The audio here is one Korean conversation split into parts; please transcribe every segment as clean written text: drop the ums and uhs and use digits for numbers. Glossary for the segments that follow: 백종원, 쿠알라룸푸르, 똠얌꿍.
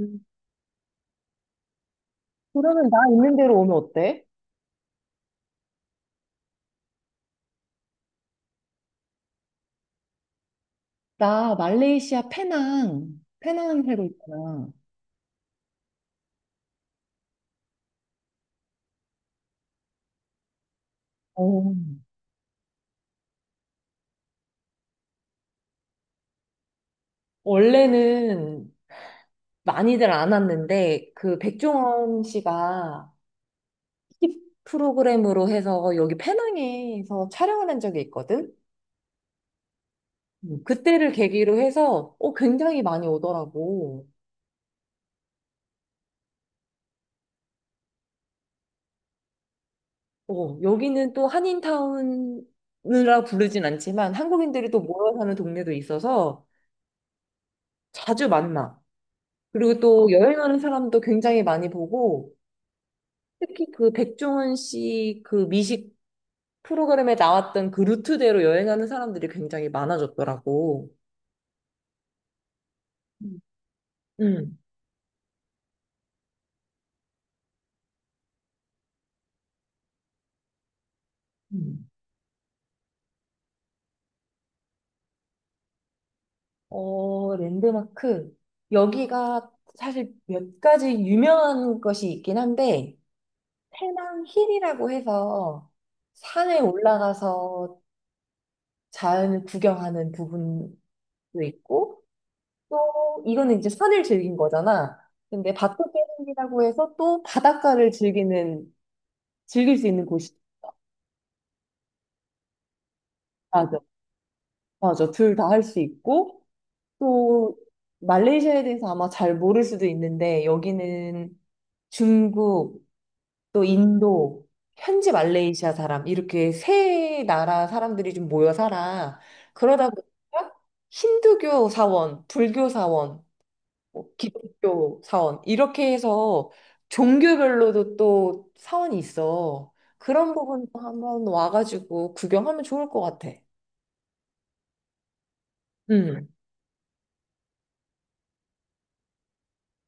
음. 그러면 나 있는 대로 오면 어때? 나 말레이시아 페낭, 페낭 살고 있잖아. 어. 원래는 많이들 안 왔는데 그 백종원 씨가 TV 프로그램으로 해서 여기 페낭에서 촬영을 한 적이 있거든. 그때를 계기로 해서 굉장히 많이 오더라고. 어, 여기는 또 한인타운이라 부르진 않지만 한국인들이 또 모여 사는 동네도 있어서 자주 만나. 그리고 또 여행하는 사람도 굉장히 많이 보고, 특히 그 백종원 씨 그 미식 프로그램에 나왔던 그 루트대로 여행하는 사람들이 굉장히 많아졌더라고. 음. 음. 음. 어, 랜드마크. 여기가 사실 몇 가지 유명한 것이 있긴 한데, 태낭 힐이라고 해서 산에 올라가서 자연을 구경하는 부분도 있고, 또 이거는 이제 산을 즐긴 거잖아. 근데 바토 게임이라고 해서 또 바닷가를 즐기는 즐길 수 있는 곳이 있어. 맞아, 맞아. 둘 다 할 수 있고 또 말레이시아에 대해서 아마 잘 모를 수도 있는데 여기는 중국 또 인도 현지 말레이시아 사람 이렇게 세 나라 사람들이 좀 모여 살아. 그러다 보니까 힌두교 사원, 불교 사원 뭐 기독교 사원 이렇게 해서 종교별로도 또 사원이 있어. 그런 부분도 한번 와가지고 구경하면 좋을 것 같아. 음.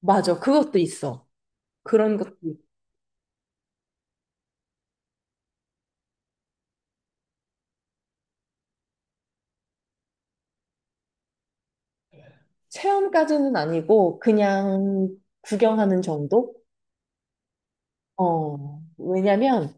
맞아. 그것도 있어. 그런 것도 있- 체험까지는 아니고 그냥 구경하는 정도? 어, 왜냐면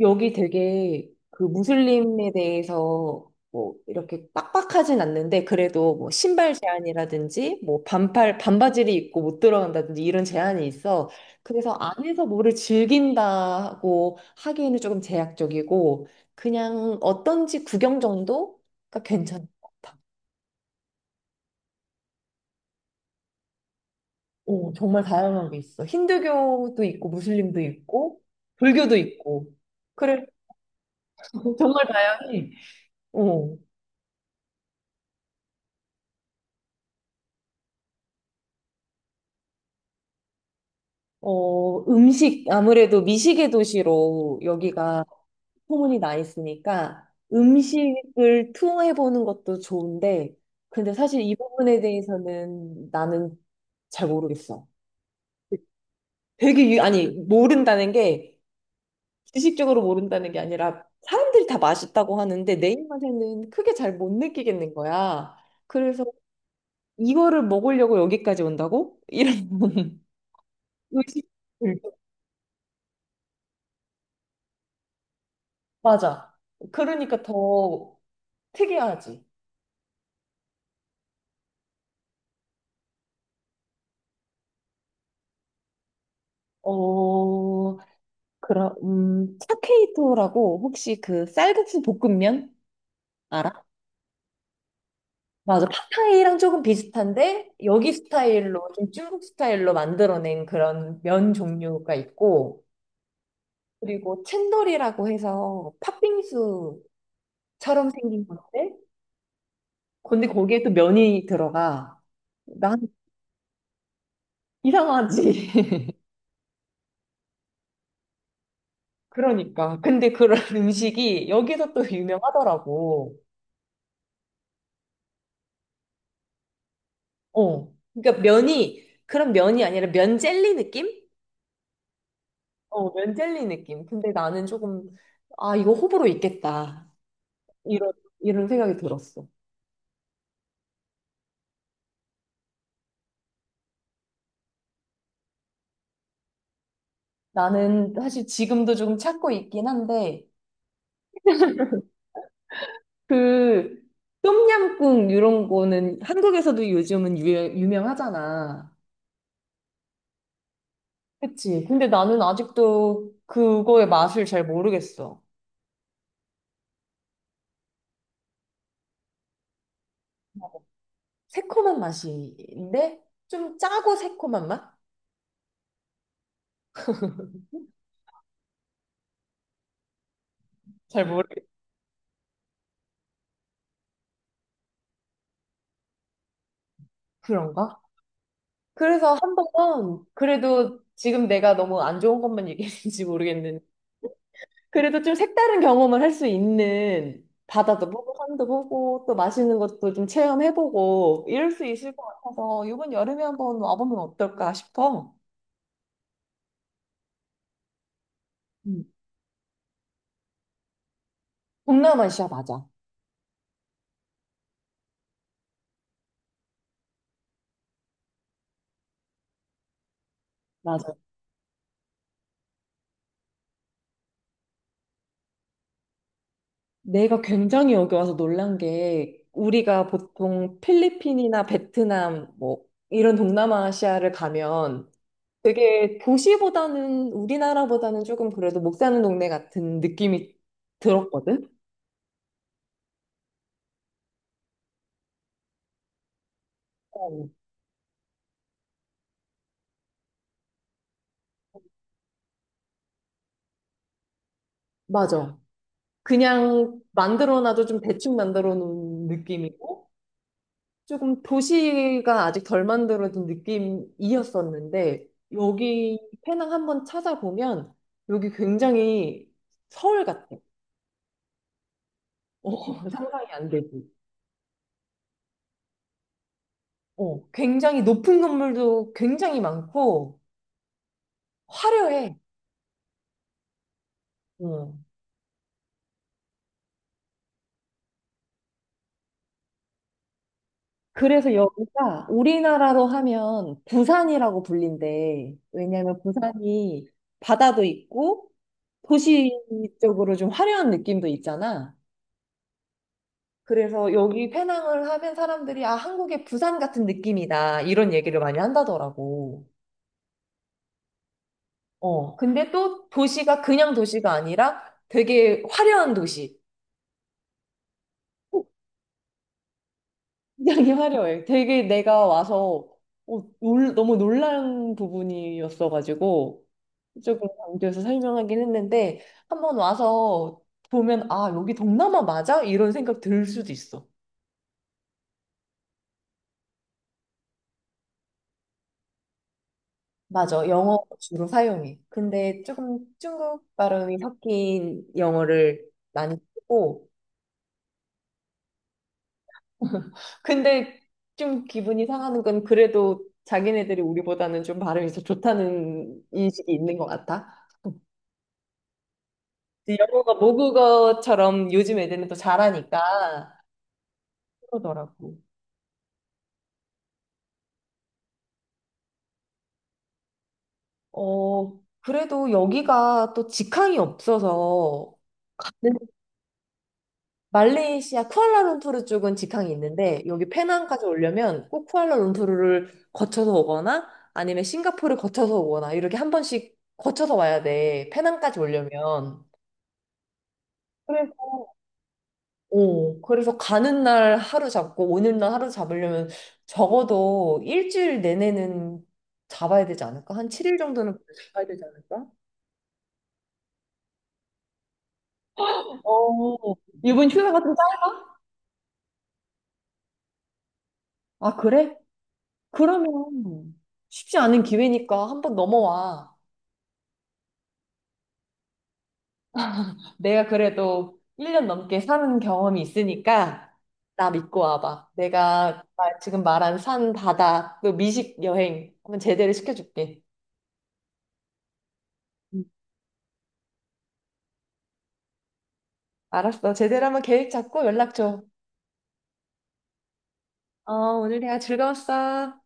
여기 되게 그 무슬림에 대해서 뭐 이렇게 빡빡하진 않는데 그래도 뭐 신발 제한이라든지 뭐 반팔 반바지를 입고 못 들어간다든지 이런 제한이 있어. 그래서 안에서 뭐를 즐긴다고 하기에는 조금 제약적이고 그냥 어떤지 구경 정도가 괜찮은 것 같아. 오, 정말 다양한 게 있어. 힌두교도 있고 무슬림도 있고 불교도 있고. 그래, 정말 다양해. 어. 어, 음식, 아무래도 미식의 도시로 여기가 소문이 나 있으니까 음식을 투어해보는 것도 좋은데, 근데 사실 이 부분에 대해서는 나는 잘 모르겠어. 되게, 유, 아니, 모른다는 게, 지식적으로 모른다는 게 아니라, 사람들이 다 맛있다고 하는데, 내 입맛에는 크게 잘 못 느끼겠는 거야. 그래서 이거를 먹으려고 여기까지 온다고? 이런 의식. 맞아. 그러니까 더 특이하지? 어, 그럼, 차케이토라고 혹시 그 쌀국수 볶음면 알아? 맞아. 팟타이랑 조금 비슷한데, 여기 스타일로, 좀 중국 스타일로 만들어낸 그런 면 종류가 있고, 그리고 챈돌이라고 해서 팥빙수처럼 생긴 건데, 근데 거기에 또 면이 들어가. 난 이상하지. 그러니까. 근데 그런 음식이 여기서 또 유명하더라고. 어, 그러니까 면이 그런 면이 아니라 면 젤리 느낌? 어, 면젤리 느낌. 근데 나는 조금, 아, 이거 호불호 있겠다. 이런, 이런 생각이 들었어. 나는 사실 지금도 조금 찾고 있긴 한데, 그, 똠얌꿍 이런 거는 한국에서도 요즘은 유명하잖아. 그치. 근데 나는 아직도 그거의 맛을 잘 모르겠어. 새콤한 맛인데, 좀 짜고 새콤한 맛? 잘 모르겠어. 그런가? 그래서 한번 그래도 지금 내가 너무 안 좋은 것만 얘기했는지 모르겠는 그래도 좀 색다른 경험을 할 수 있는 바다도 보고 산도 보고 또 맛있는 것도 좀 체험해보고 이럴 수 있을 것 같아서 이번 여름에 한번 와보면 어떨까 싶어. 음. 동남아시아 맞아. 맞아. 내가 굉장히 여기 와서 놀란 게 우리가 보통 필리핀이나 베트남 뭐 이런 동남아시아를 가면 되게 도시보다는 우리나라보다는 조금 그래도 목 사는 동네 같은 느낌이 들었거든? 어, 맞아. 그냥 만들어놔도 좀 대충 만들어 놓은 느낌이고, 조금 도시가 아직 덜 만들어진 느낌이었었는데, 여기 페낭 한번 찾아보면, 여기 굉장히 서울 같아. 어, 상상이 안 되지. 어, 굉장히 높은 건물도 굉장히 많고, 화려해. 어. 그래서 여기가 우리나라로 하면 부산이라고 불린대. 왜냐면 부산이 바다도 있고 도시 적으로 좀 화려한 느낌도 있잖아. 그래서 여기 페낭을 하면 사람들이 아, 한국의 부산 같은 느낌이다. 이런 얘기를 많이 한다더라고. 어. 근데 또 도시가 그냥 도시가 아니라 되게 화려한 도시. 어, 굉장히 화려해. 되게 내가 와서 너무 놀란 부분이었어가지고. 조금 강조해서 설명하긴 했는데 한번 와서 보면 아 여기 동남아 맞아? 이런 생각 들 수도 있어. 맞아. 영어 주로 사용해. 근데 조금 중국 발음이 섞인 영어를 많이 쓰고 근데 좀 기분이 상하는 건 그래도 자기네들이 우리보다는 좀 발음이 더 좋다는 인식이 있는 것 같아. 영어가 모국어처럼 요즘 애들은 또 잘하니까 그러더라고. 어, 그래도 여기가 또 직항이 없어서 네. 말레이시아 쿠알라룸푸르 쪽은 직항이 있는데 여기 페낭까지 오려면 꼭 쿠알라룸푸르를 거쳐서 오거나 아니면 싱가포르 거쳐서 오거나 이렇게 한 번씩 거쳐서 와야 돼. 페낭까지 오려면. 그래서 어, 그래서 가는 날 하루 잡고 오는 날 하루 잡으려면 적어도 일주일 내내는 잡아야 되지 않을까? 한 7일 정도는 잡아야 되지 않을까? 어, 이번 휴가가 좀 짧... 아, 그래? 그러면 쉽지 않은 기회니까 한번 넘어와. 내가 그래도 1년 넘게 사는 경험이 있으니까 나 믿고 와봐. 내가 나 지금 말한 산, 바다, 그 미식 여행 한번 제대로 시켜줄게. 응. 알았어. 제대로 한번 계획 잡고 연락 줘. 어, 오늘 대화 즐거웠어.